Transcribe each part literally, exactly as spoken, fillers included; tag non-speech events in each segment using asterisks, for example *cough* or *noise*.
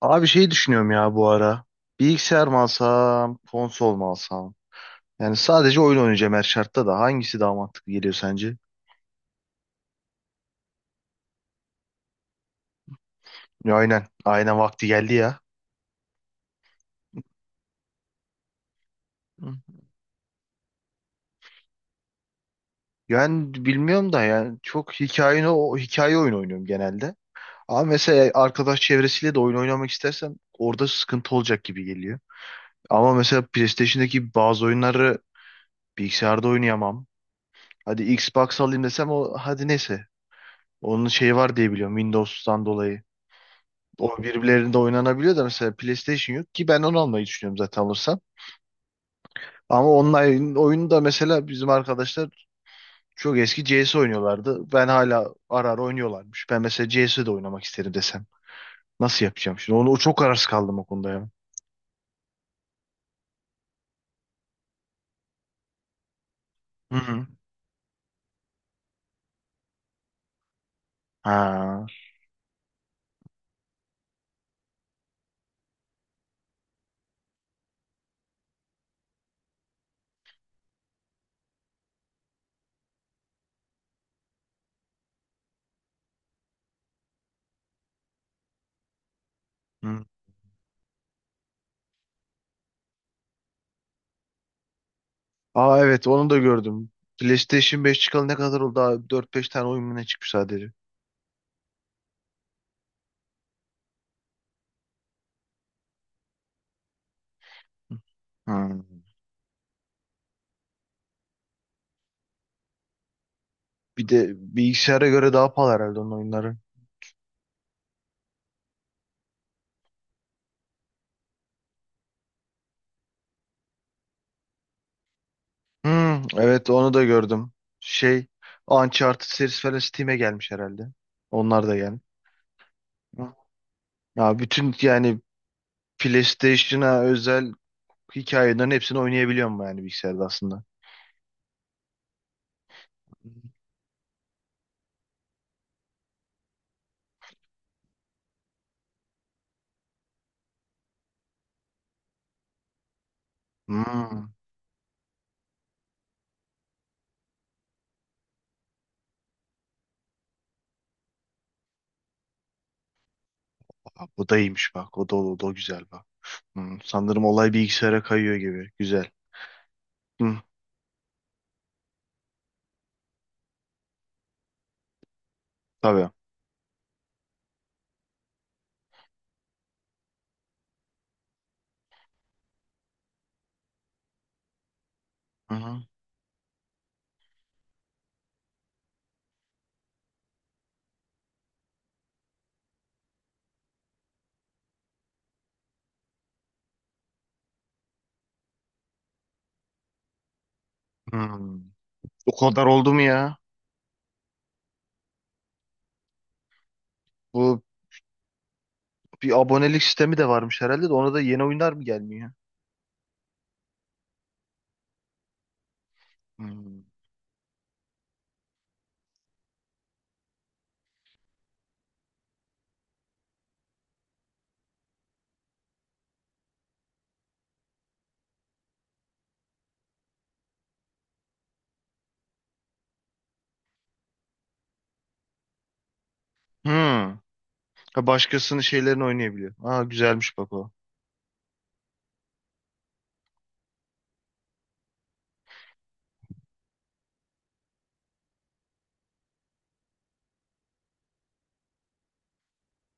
Abi şey düşünüyorum ya bu ara. Bilgisayar mı alsam, konsol mu alsam? Yani sadece oyun oynayacağım her şartta da. Hangisi daha mantıklı geliyor sence? Ya aynen. Aynen vakti geldi ya. Hı. Yani bilmiyorum da yani çok hikaye, o hikaye oyunu oynuyorum genelde. Ama mesela arkadaş çevresiyle de oyun oynamak istersem orada sıkıntı olacak gibi geliyor. Ama mesela PlayStation'daki bazı oyunları bilgisayarda oynayamam. Hadi Xbox alayım desem o hadi neyse. Onun şeyi var diye biliyorum Windows'tan dolayı. O birbirlerinde oynanabiliyor da mesela PlayStation yok ki ben onu almayı düşünüyorum zaten alırsam. Ama online oyunu da mesela bizim arkadaşlar çok eski C S oynuyorlardı. Ben hala ara ara oynuyorlarmış. Ben mesela C S'de oynamak isterim desem. Nasıl yapacağım şimdi? Onu çok kararsız kaldım o konuda ya. Hı hı. Ha. Hı. Aa evet onu da gördüm. PlayStation beş çıkalı ne kadar oldu? Daha dört beş tane oyun mu ne çıkmış sadece. Hı. Hı. Bir de bilgisayara göre daha pahalı herhalde onun oyunları. Hmm, evet onu da gördüm. Şey Uncharted serisi falan Steam'e gelmiş herhalde. Onlar da gelmiş. Hı. Ya bütün yani PlayStation'a özel hikayelerin hepsini oynayabiliyorum yani bilgisayarda aslında. Hmm, bak, bu da iyiymiş bak. O da, o da güzel bak. Hmm, sanırım olay bilgisayara kayıyor gibi. Güzel. Hmm, tabii. Hı hı. Hmm. O kadar oldu mu ya? Bu bir abonelik sistemi de varmış herhalde de ona da yeni oyunlar mı gelmiyor? Hmm. Hmm. Ha, başkasının şeylerini oynayabiliyor. Aa güzelmiş bak o.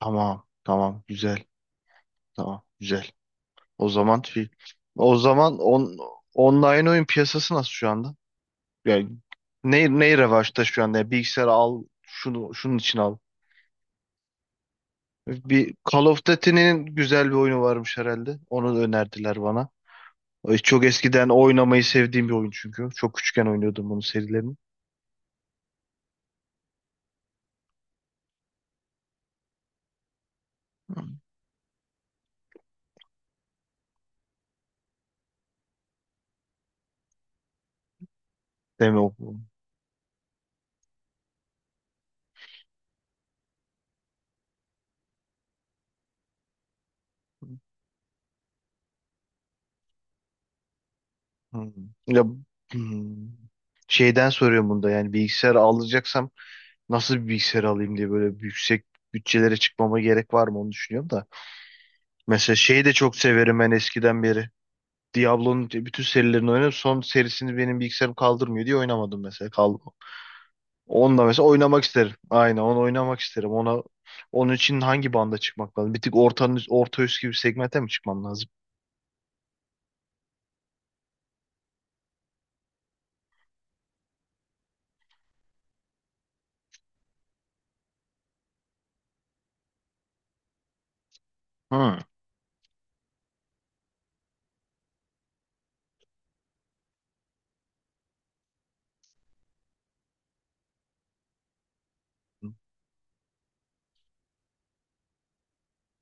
Tamam. Tamam. Güzel. Tamam. Güzel. O zaman fi- o zaman on, online oyun piyasası nasıl şu anda? Yani ne ne revaçta şu anda? Yani bilgisayar al şunu şunun için al. Bir Call of Duty'nin güzel bir oyunu varmış herhalde. Onu da önerdiler bana. E, Çok eskiden oynamayı sevdiğim bir oyun çünkü. Çok küçükken oynuyordum bunun serilerini. Deme o. Hmm. Ya hmm. Şeyden soruyorum bunda yani bilgisayar alacaksam nasıl bir bilgisayar alayım diye böyle yüksek bütçelere çıkmama gerek var mı onu düşünüyorum da. Mesela şeyi de çok severim ben eskiden beri. Diablo'nun bütün serilerini oynadım. Son serisini benim bilgisayarım kaldırmıyor diye oynamadım mesela. Kal Onunla mesela oynamak isterim. Aynen onu oynamak isterim. Ona onun için hangi banda çıkmak lazım? Bir tık ortanın üst- orta üst gibi segmente mi çıkmam lazım? Hmm.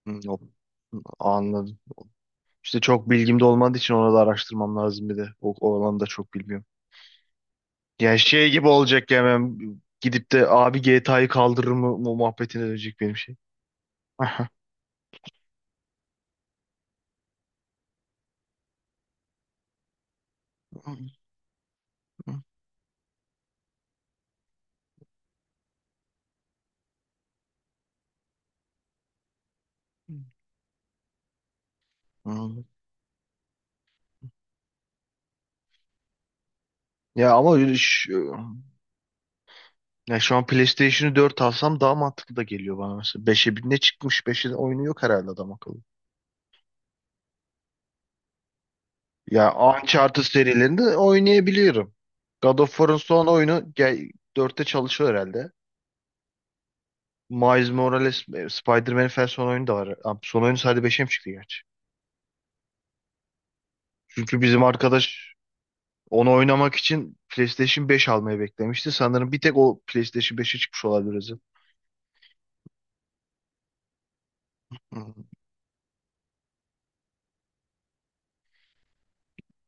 Hmm, yok. Anladım. İşte çok bilgim de olmadığı için onu da araştırmam lazım bir de. O, o alanı da çok bilmiyorum. Yani şey gibi olacak ya ben gidip de abi G T A'yı kaldırır mı mu- muhabbetine dönecek benim şey. *laughs* Aha. Ya ama öyle şu, ya şu an PlayStation'ı dört alsam daha mantıklı da geliyor bana mesela. Beşe bir ne çıkmış? beşe oyunu yok herhalde adam akıllı. Ya Uncharted serilerinde oynayabiliyorum. God of War'ın son oyunu gel, dörtte çalışıyor herhalde. Miles Morales e, Spider-Man'in falan son oyunu da var. Ha, son oyunu sadece beşe mi çıktı gerçi? Çünkü bizim arkadaş onu oynamak için PlayStation beş almayı beklemişti. Sanırım bir tek o PlayStation beşe çıkmış olabilir. O yüzden. Hı.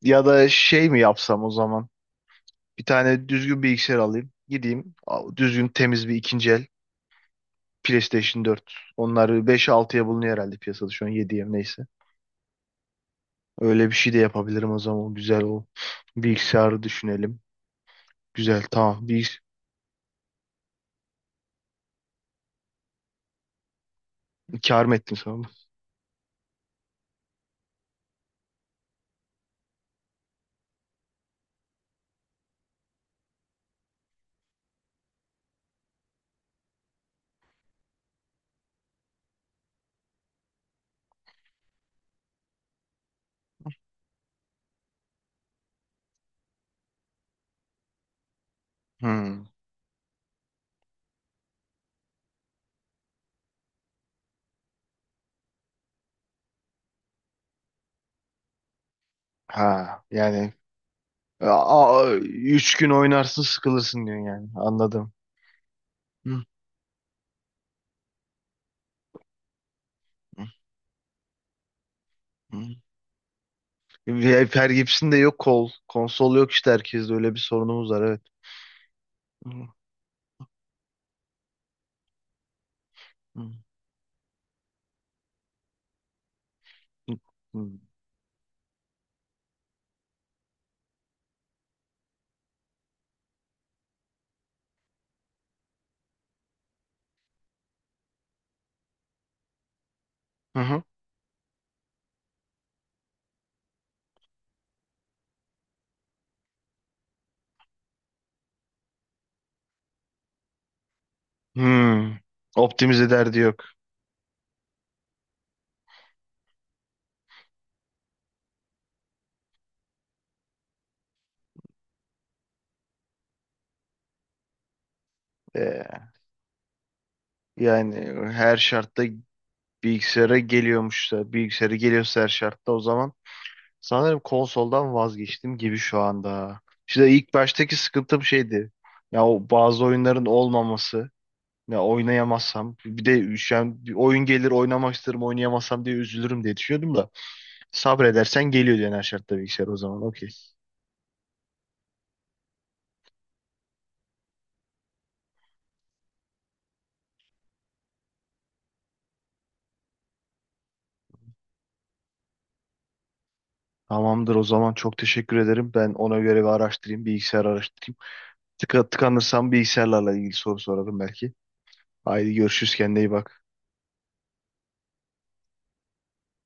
Ya da şey mi yapsam o zaman? Bir tane düzgün bilgisayar alayım. Gideyim al- düzgün temiz bir ikinci el PlayStation dört. Onlar beş altıya bulunuyor herhalde piyasada şu an yediye mi neyse. Öyle bir şey de yapabilirim o zaman. Güzel o bilgisayarı düşünelim. Güzel tamam. Bilgis kâr mı ettin sen? Onu? Hı. Ha yani a, a- üç gün oynarsın sıkılırsın diyorsun yani anladım. Hı, hı, hı. Fer Gibson'de yok kol. Konsol yok işte herkeste öyle bir sorunumuz var evet. Hı, hı, hı, hı. Hı, hı. Hmm. Optimize derdi yok. Ee, yani her şartta bilgisayara geliyormuşsa bilgisayara geliyorsa her şartta o zaman sanırım konsoldan vazgeçtim gibi şu anda. İşte ilk baştaki sıkıntım şeydi. Ya o bazı oyunların olmaması. Ya oynayamazsam bir de şu an bir oyun gelir oynamak isterim oynayamazsam diye üzülürüm diye düşünüyordum da sabredersen geliyor diyen her şartta bilgisayar o zaman okey. Tamamdır o zaman çok teşekkür ederim. Ben ona göre bir araştırayım bilgisayar araştırayım. Tıka, tıkanırsam bilgisayarlarla ilgili soru sorarım belki. Haydi görüşürüz kendine iyi bak.